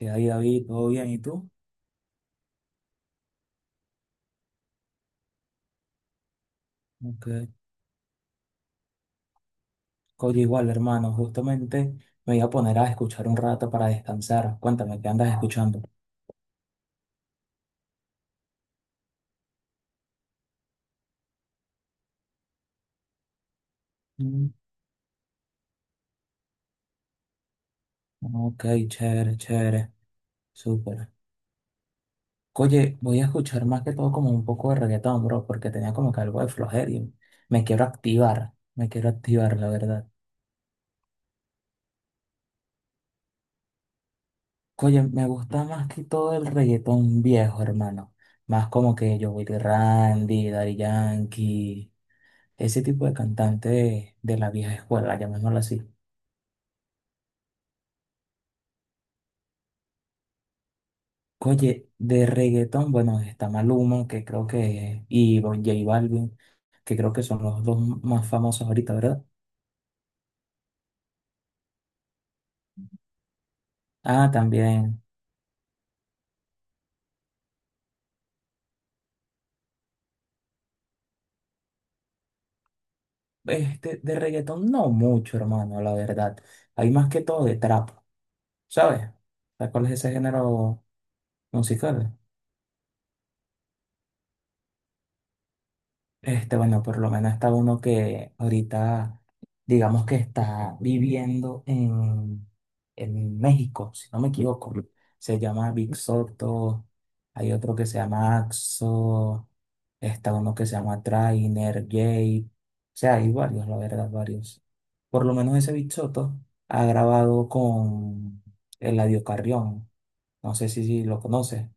Y ahí, David, todo bien, ¿y tú? Ok. Oye, igual, hermano, justamente me voy a poner a escuchar un rato para descansar. Cuéntame, ¿qué andas escuchando? Mm, ok, chévere, chévere, súper. Oye, voy a escuchar más que todo como un poco de reggaetón, bro, porque tenía como que algo de flojera y me quiero activar, la verdad. Oye, me gusta más que todo el reggaetón viejo, hermano. Más como que Joey Randy, Daddy Yankee. Ese tipo de cantante de la vieja escuela, llamémoslo así. Oye, de reggaetón, bueno, está Maluma, que creo que, y Don J Balvin, que creo que son los dos más famosos ahorita, ¿verdad? Ah, también, este, de reggaetón no mucho, hermano, la verdad. Hay más que todo de trap, ¿sabes? ¿Sabes cuál es ese género musical? Este, bueno, por lo menos está uno que ahorita, digamos que está viviendo en México, si no me equivoco. Se llama Big Soto, hay otro que se llama Axo, está uno que se llama Trainer, Jay. O sea, hay varios, la verdad, varios. Por lo menos ese Big Soto ha grabado con Eladio Carrión. No sé si lo conoces.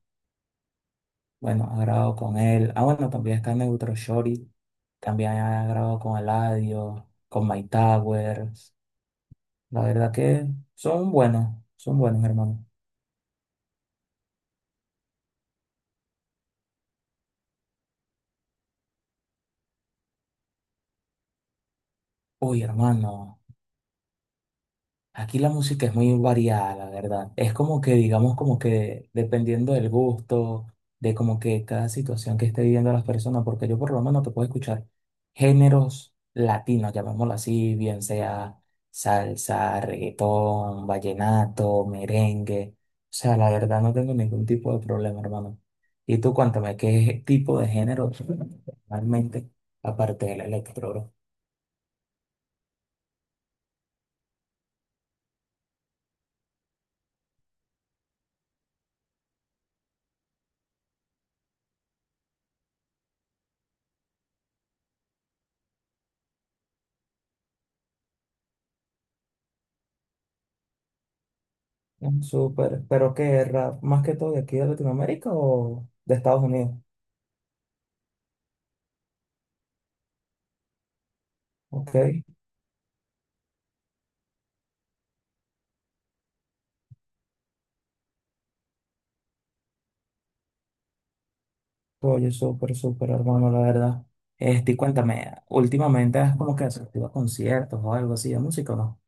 Bueno, ha grabado con él. Ah, bueno, también está Neutro Shorty. También ha grabado con Eladio, con My Towers. La verdad que son buenos, hermano. Uy, hermano. Aquí la música es muy variada, la verdad. Es como que, digamos, como que dependiendo del gusto, de como que cada situación que esté viviendo las personas, porque yo por lo menos te puedo escuchar géneros latinos, llamémoslo así, bien sea salsa, reggaetón, vallenato, merengue. O sea, la verdad no tengo ningún tipo de problema, hermano. Y tú cuéntame, ¿qué tipo de género realmente, aparte del electro, bro? Mm, súper, pero qué rap, más que todo de aquí de Latinoamérica o de Estados Unidos. Ok, oye, súper, súper, hermano, la verdad. Este, y cuéntame, ¿últimamente has como que asistido a conciertos o algo así de música o no?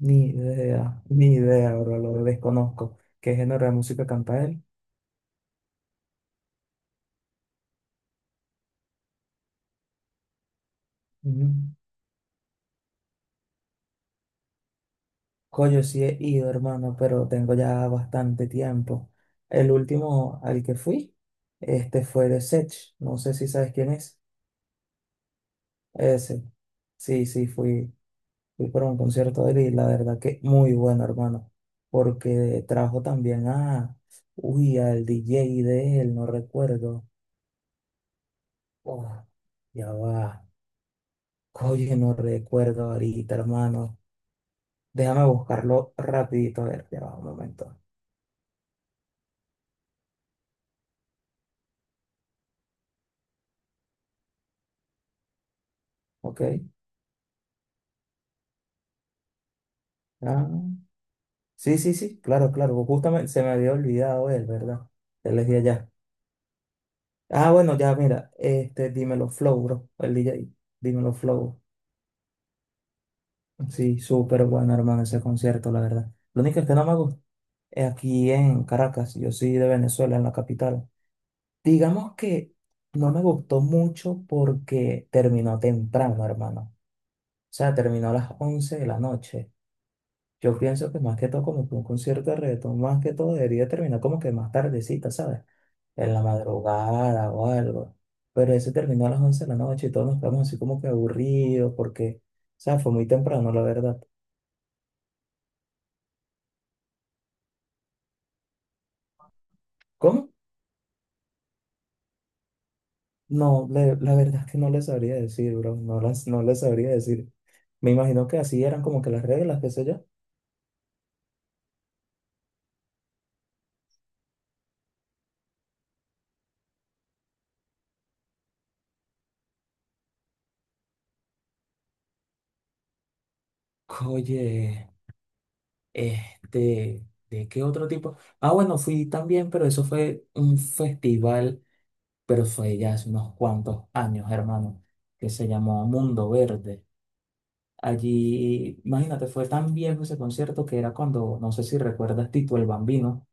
Ni idea, ni idea, bro, lo desconozco. ¿Qué género de música canta él? Mm. Coño, sí he ido, hermano, pero tengo ya bastante tiempo. El último al que fui, este fue de Sech, no sé si sabes quién es. Ese. Sí, sí, fui. Fui para un concierto de él y la verdad que muy bueno, hermano, porque trajo también a, uy, al DJ de él, no recuerdo. Oh, ya va. Oye, no recuerdo ahorita, hermano. Déjame buscarlo rapidito, a ver, ya va un momento. ¿Ok? Ah, sí, sí, sí, claro, claro. Justamente se me había olvidado él, ¿verdad? Él es de allá. Ah, bueno, ya, mira, este, dímelo Flow, bro, el DJ, dímelo Flow. Sí, súper bueno, hermano, ese concierto, la verdad. Lo único que no me gusta es aquí en Caracas. Yo soy de Venezuela, en la capital. Digamos que no me gustó mucho porque terminó temprano, hermano. O sea, terminó a las 11 de la noche. Yo pienso que más que todo, como que un concierto de reggaetón, más que todo debería terminar como que más tardecita, ¿sabes? En la madrugada o algo. Pero ese terminó a las 11 de la noche y todos nos quedamos así como que aburridos porque, o sea, fue muy temprano, la verdad. ¿Cómo? No, le- La verdad es que no le sabría decir, bro. No le sabría decir. Me imagino que así eran como que las reglas, qué sé yo. Oye, este, ¿de qué otro tipo? Ah, bueno, fui también, pero eso fue un festival, pero fue ya hace unos cuantos años, hermano, que se llamó Mundo Verde. Allí, imagínate, fue tan viejo ese concierto que era cuando, no sé si recuerdas, Tito el Bambino.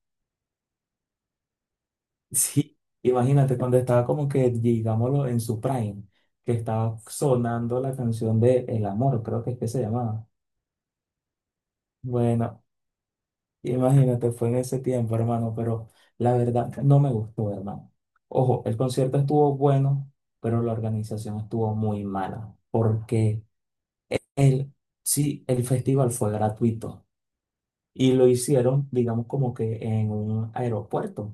Sí, imagínate cuando estaba como que, digámoslo, en su prime, que estaba sonando la canción de El Amor, creo que es que se llamaba. Bueno, imagínate, fue en ese tiempo, hermano, pero la verdad no me gustó, hermano. Ojo, el concierto estuvo bueno, pero la organización estuvo muy mala, porque el, sí, el festival fue gratuito y lo hicieron, digamos, como que en un aeropuerto,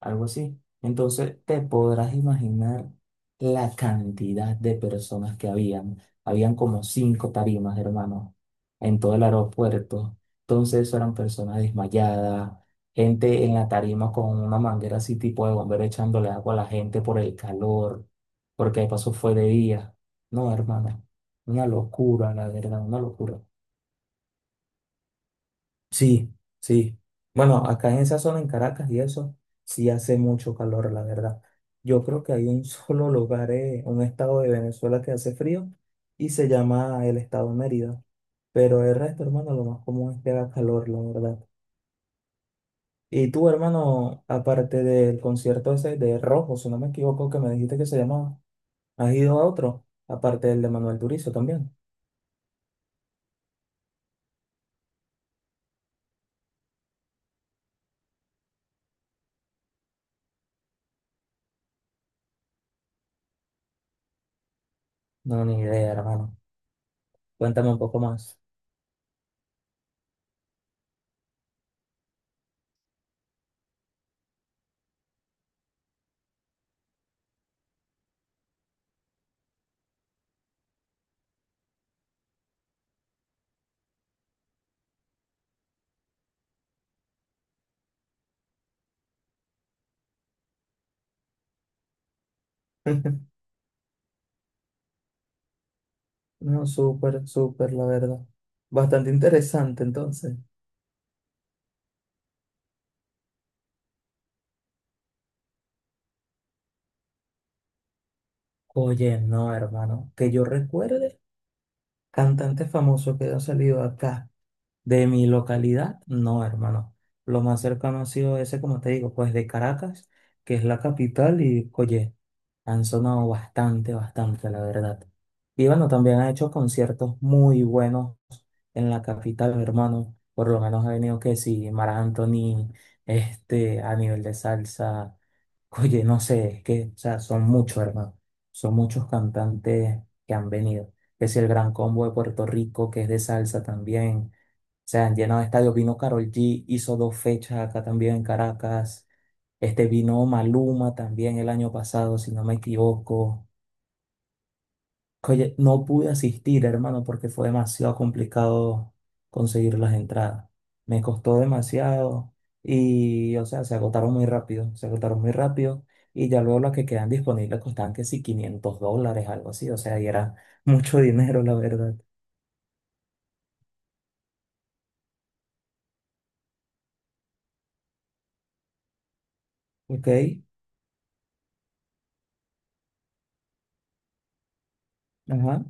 algo así. Entonces te podrás imaginar la cantidad de personas que habían. Habían como cinco tarimas, hermano, en todo el aeropuerto. Entonces eso eran personas desmayadas, gente en la tarima con una manguera así tipo de bombero echándole agua a la gente por el calor, porque de paso fue de día. No, hermano, una locura, la verdad, una locura. Sí, sí. Bueno, acá en esa zona, en Caracas y eso, sí hace mucho calor, la verdad. Yo creo que hay un solo lugar, un estado de Venezuela que hace frío y se llama el estado Mérida. Pero el resto, hermano, lo más común es que haga calor, la verdad. Y tú, hermano, aparte del concierto ese de Rojo, si no me equivoco, que me dijiste que se llamaba, ¿has ido a otro? Aparte del de Manuel Turizo también. No, ni idea, hermano. Cuéntame un poco más. No, súper, súper, la verdad. Bastante interesante, entonces. Oye, no, hermano, que yo recuerde, cantante famoso que ha salido acá, de mi localidad, no, hermano. Lo más cercano ha sido ese, como te digo, pues de Caracas, que es la capital, y oye, han sonado bastante, bastante, la verdad. Y bueno, también ha hecho conciertos muy buenos en la capital, hermano. Por lo menos ha venido que sí, Mara Anthony, este, a nivel de salsa. Oye, no sé, es que, o sea, son muchos, hermano. Son muchos cantantes que han venido. Es el Gran Combo de Puerto Rico, que es de salsa también. Se han llenado de estadios. Vino Karol G, hizo dos fechas acá también en Caracas. Este vino Maluma también el año pasado, si no me equivoco. Oye, no pude asistir, hermano, porque fue demasiado complicado conseguir las entradas. Me costó demasiado y, o sea, se agotaron muy rápido, se agotaron muy rápido y ya luego las que quedan disponibles costaban que sí, $500, algo así, o sea, y era mucho dinero, la verdad. Ok, ajá.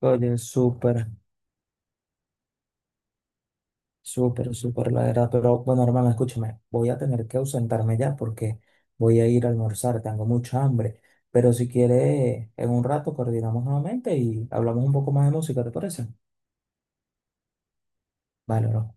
Oye, súper. Súper, súper, la verdad. Pero bueno, hermano, escúchame, voy a tener que ausentarme ya porque voy a ir a almorzar, tengo mucha hambre. Pero si quieres, en un rato coordinamos nuevamente y hablamos un poco más de música, ¿te parece? Vale, bro.